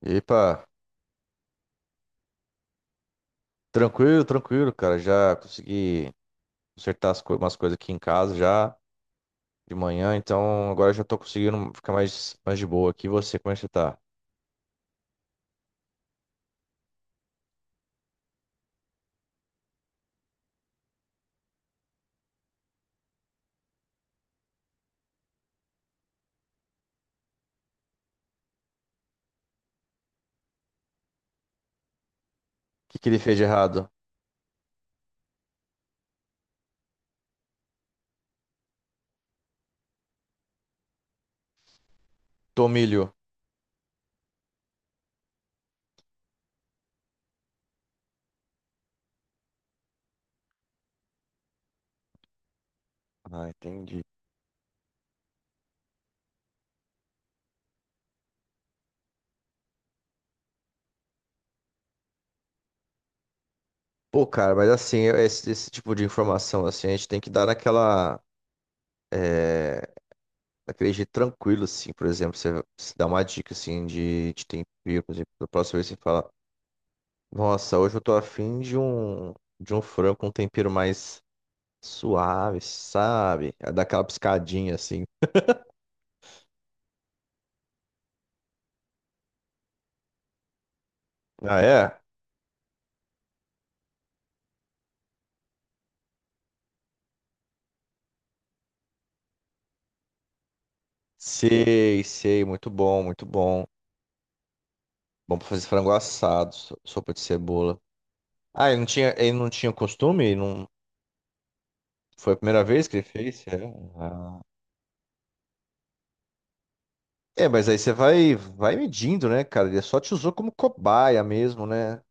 Epa, tranquilo, tranquilo, cara. Já consegui consertar umas coisas aqui em casa já de manhã, então agora já tô conseguindo ficar mais de boa aqui. E você, como é que você tá? O que que ele fez de errado? Tomilho. Ah, entendi. Pô, cara, mas assim, esse tipo de informação, assim, a gente tem que dar é, naquele jeito tranquilo, assim, por exemplo, você dá uma dica, assim, de tempero, por exemplo, da próxima vez você fala, nossa, hoje eu tô afim de um frango com um tempero mais suave, sabe? É daquela piscadinha assim. Ah, é? Sei, sei, muito bom, muito bom. Bom pra fazer frango assado, sopa de cebola. Ah, ele não tinha costume? Ele não... Foi a primeira vez que ele fez? É. Ah. É, mas aí você vai medindo, né, cara? Ele só te usou como cobaia mesmo, né?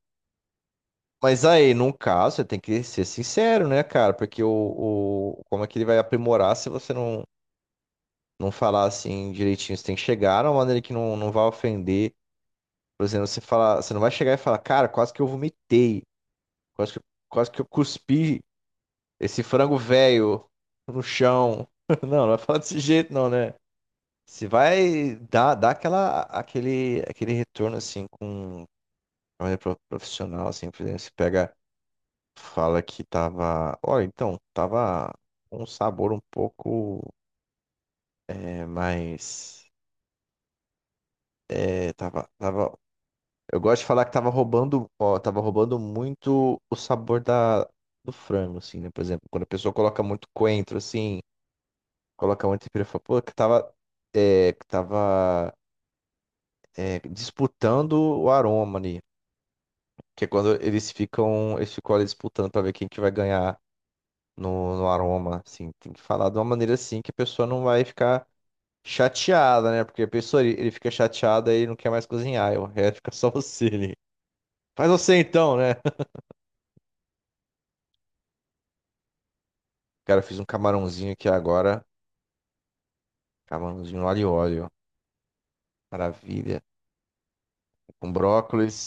Mas aí, num caso, você tem que ser sincero, né, cara? Como é que ele vai aprimorar se você não falar assim direitinho? Você tem que chegar de uma maneira que não vai ofender. Por exemplo, você fala, você não vai chegar e falar, cara, quase que eu vomitei, quase que, quase que eu cuspi esse frango velho no chão. Não, não vai falar desse jeito não, né? Você vai dar aquela, aquele retorno assim com de maneira profissional, assim, por exemplo, você pega, fala que tava, olha, então, tava com um sabor um pouco é, mais, é, tava. Eu gosto de falar que tava roubando, ó, tava roubando muito o sabor do frango, assim, né? Por exemplo, quando a pessoa coloca muito coentro, assim, coloca muito pimenta, eu pô, que tava é, disputando o aroma ali. Que é quando eles ficam ali disputando pra ver quem que vai ganhar no aroma, assim. Tem que falar de uma maneira assim que a pessoa não vai ficar chateada, né? Porque a pessoa, ele fica chateada e não quer mais cozinhar, e o resto fica só você ali. Faz você então, né? Cara, eu fiz um camarãozinho aqui agora. Camarãozinho alho e óleo. Maravilha. Com brócolis.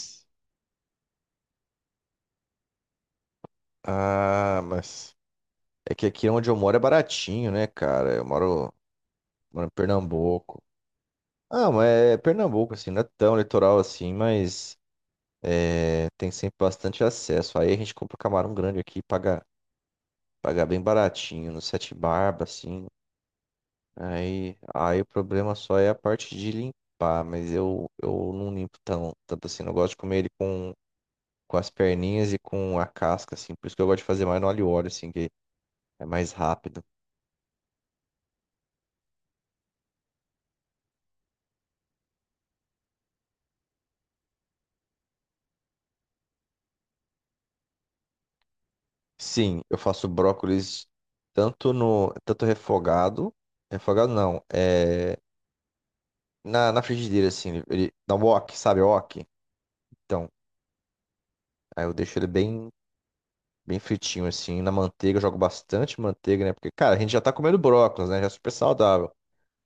Ah, mas é que aqui onde eu moro é baratinho, né, cara? Moro em Pernambuco. Ah, mas é Pernambuco, assim, não é tão litoral assim, mas é, tem sempre bastante acesso. Aí a gente compra camarão grande aqui e paga bem baratinho, no Sete Barba, assim. Aí o problema só é a parte de limpar, mas eu não limpo tão, tanto assim. Eu gosto de comer ele com as perninhas e com a casca, assim. Por isso que eu gosto de fazer mais no alho e óleo, assim, que é mais rápido. Sim, eu faço brócolis tanto refogado, refogado não, é na frigideira, assim, na wok, sabe, wok? Então, aí eu deixo bem fritinho, assim, na manteiga, eu jogo bastante manteiga, né? Porque, cara, a gente já tá comendo brócolis, né? Já é super saudável.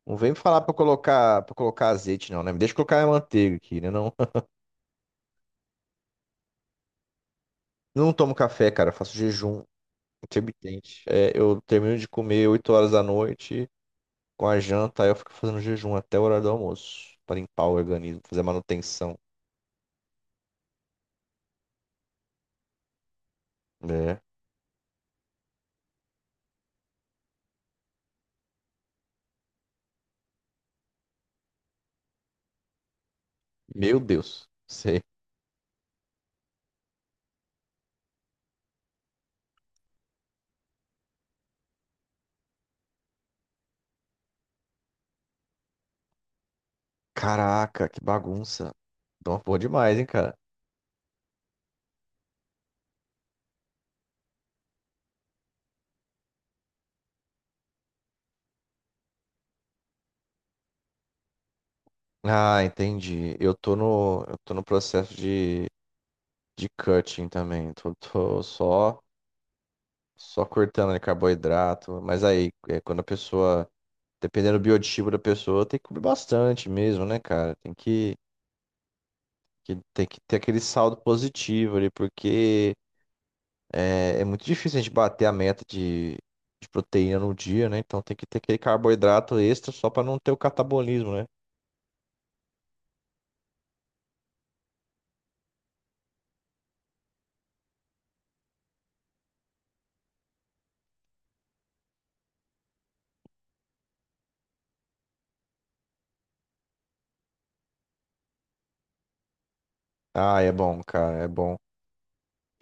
Não vem me falar pra eu colocar azeite, não, né? Me deixa eu colocar a manteiga aqui, né? Não, não tomo café, cara, eu faço jejum. Intermitente. É, eu termino de comer 8 horas da noite com a janta, aí eu fico fazendo jejum até o horário do almoço, para limpar o organismo, fazer manutenção. É. Meu Deus, sei. Caraca, que bagunça. Dá uma porra demais, hein, cara. Ah, entendi. Eu tô no processo de cutting também. Só cortando ali carboidrato. Mas aí, é, quando a pessoa, dependendo do biotipo da pessoa, tem que comer bastante mesmo, né, cara? Tem que tem que ter aquele saldo positivo ali, porque é muito difícil a gente bater a meta de proteína no dia, né? Então tem que ter aquele carboidrato extra só para não ter o catabolismo, né? Ah, é bom, cara, é bom.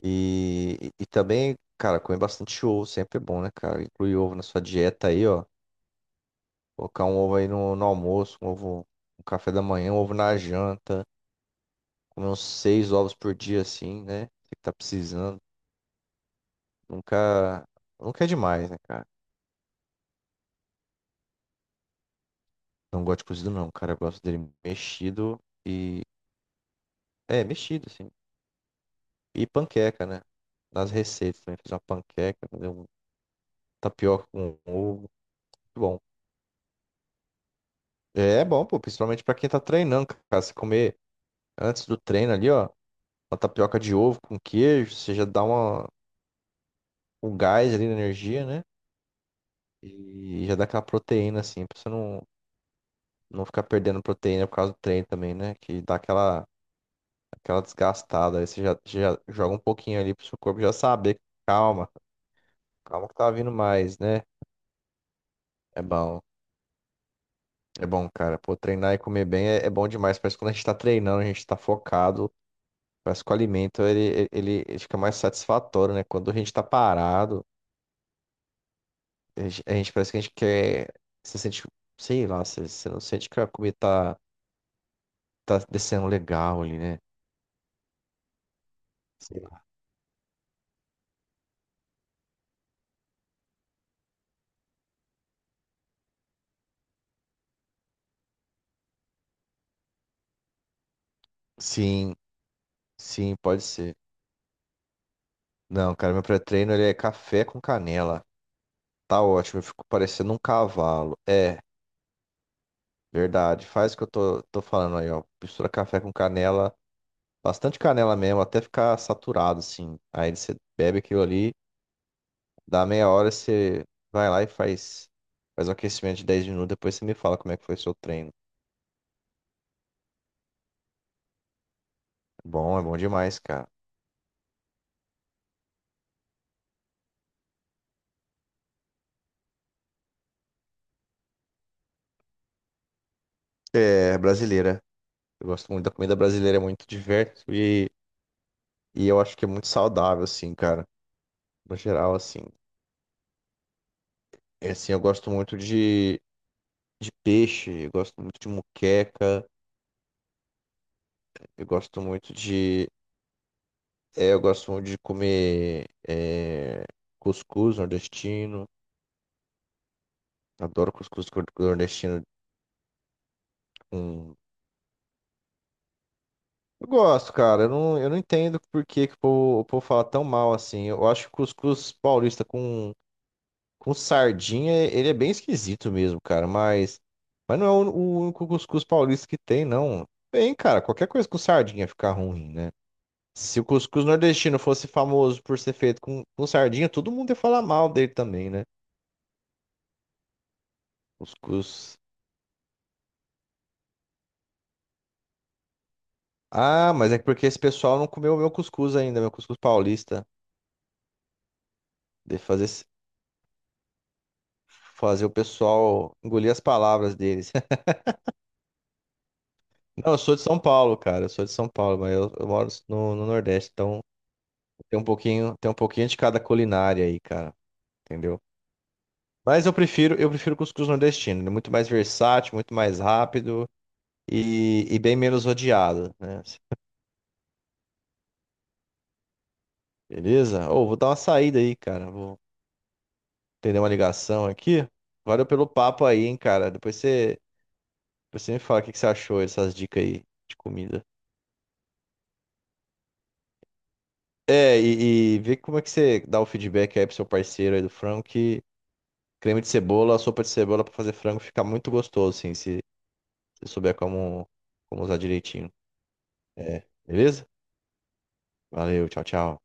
E também, cara, comer bastante ovo sempre é bom, né, cara? Incluir ovo na sua dieta aí, ó. Colocar um ovo aí no, no almoço, um ovo no café da manhã, um ovo na janta. Comer uns 6 ovos por dia, assim, né? Você que tá precisando. Nunca, nunca é demais, né, cara? Não gosto de cozido, não, cara. Eu gosto dele mexido. É, mexido, assim. E panqueca, né? Nas receitas também. Fiz uma panqueca, fazer um tapioca com ovo. Muito bom. É é bom, pô. Principalmente pra quem tá treinando, cara. Se comer antes do treino ali, ó. Uma tapioca de ovo com queijo. Você já um gás ali na energia, né? E já dá aquela proteína, assim. Pra você não, não ficar perdendo proteína por causa do treino também, né? Que aquela desgastada. Aí você já joga um pouquinho ali pro seu corpo já saber. Calma. Calma que tá vindo mais, né? É bom, é bom, cara. Pô, treinar e comer bem é bom demais. Parece que quando a gente tá treinando, a gente tá focado. Parece que o alimento ele fica mais satisfatório, né? Quando a gente tá parado, parece que a gente quer. Você sente, sei lá, você não sente que a comida tá, tá descendo legal ali, né? Sei lá. Sim, sim, pode ser. Não, cara, meu pré-treino ele é café com canela. Tá ótimo, eu fico parecendo um cavalo. É. Verdade. Faz o que tô falando aí, ó. Mistura café com canela, bastante canela mesmo, até ficar saturado, assim. Aí você bebe aquilo ali, dá meia hora, você vai lá e faz, faz um aquecimento de 10 minutos, depois você me fala como é que foi o seu treino. Bom, é bom demais, cara. É, brasileira. Eu gosto muito da comida brasileira, é muito diverso e eu acho que é muito saudável, assim, cara. No geral, assim. É assim, eu gosto muito de peixe, eu gosto muito de muqueca, eu gosto muito de. É, eu gosto muito de comer é, cuscuz nordestino. Adoro cuscuz nordestino. Com- Eu gosto, cara. Eu não entendo por que, que o povo fala tão mal assim. Eu acho que cuscuz paulista com sardinha, ele é bem esquisito mesmo, cara. Mas não é o único cuscuz paulista que tem, não. Bem, cara, qualquer coisa com sardinha fica ruim, né? Se o cuscuz nordestino fosse famoso por ser feito com sardinha, todo mundo ia falar mal dele também, né? Cuscuz. Ah, mas é porque esse pessoal não comeu o meu cuscuz ainda, meu cuscuz paulista. De fazer, esse- Fazer o pessoal engolir as palavras deles. Não, eu sou de São Paulo, cara. Eu sou de São Paulo, mas eu moro no Nordeste, então tem um pouquinho de cada culinária aí, cara. Entendeu? Mas eu prefiro cuscuz nordestino. Ele é muito mais versátil, muito mais rápido e bem menos odiado, né? Beleza? Ou vou dar uma saída aí, cara. Vou atender uma ligação aqui. Valeu pelo papo aí, hein, cara. Depois você Você me fala o que que você achou dessas dicas aí de comida. E vê como é que você dá o feedback aí pro seu parceiro aí do frango, que creme de cebola, sopa de cebola pra fazer frango fica muito gostoso, assim, se você souber como usar direitinho. É, beleza? Valeu, tchau, tchau.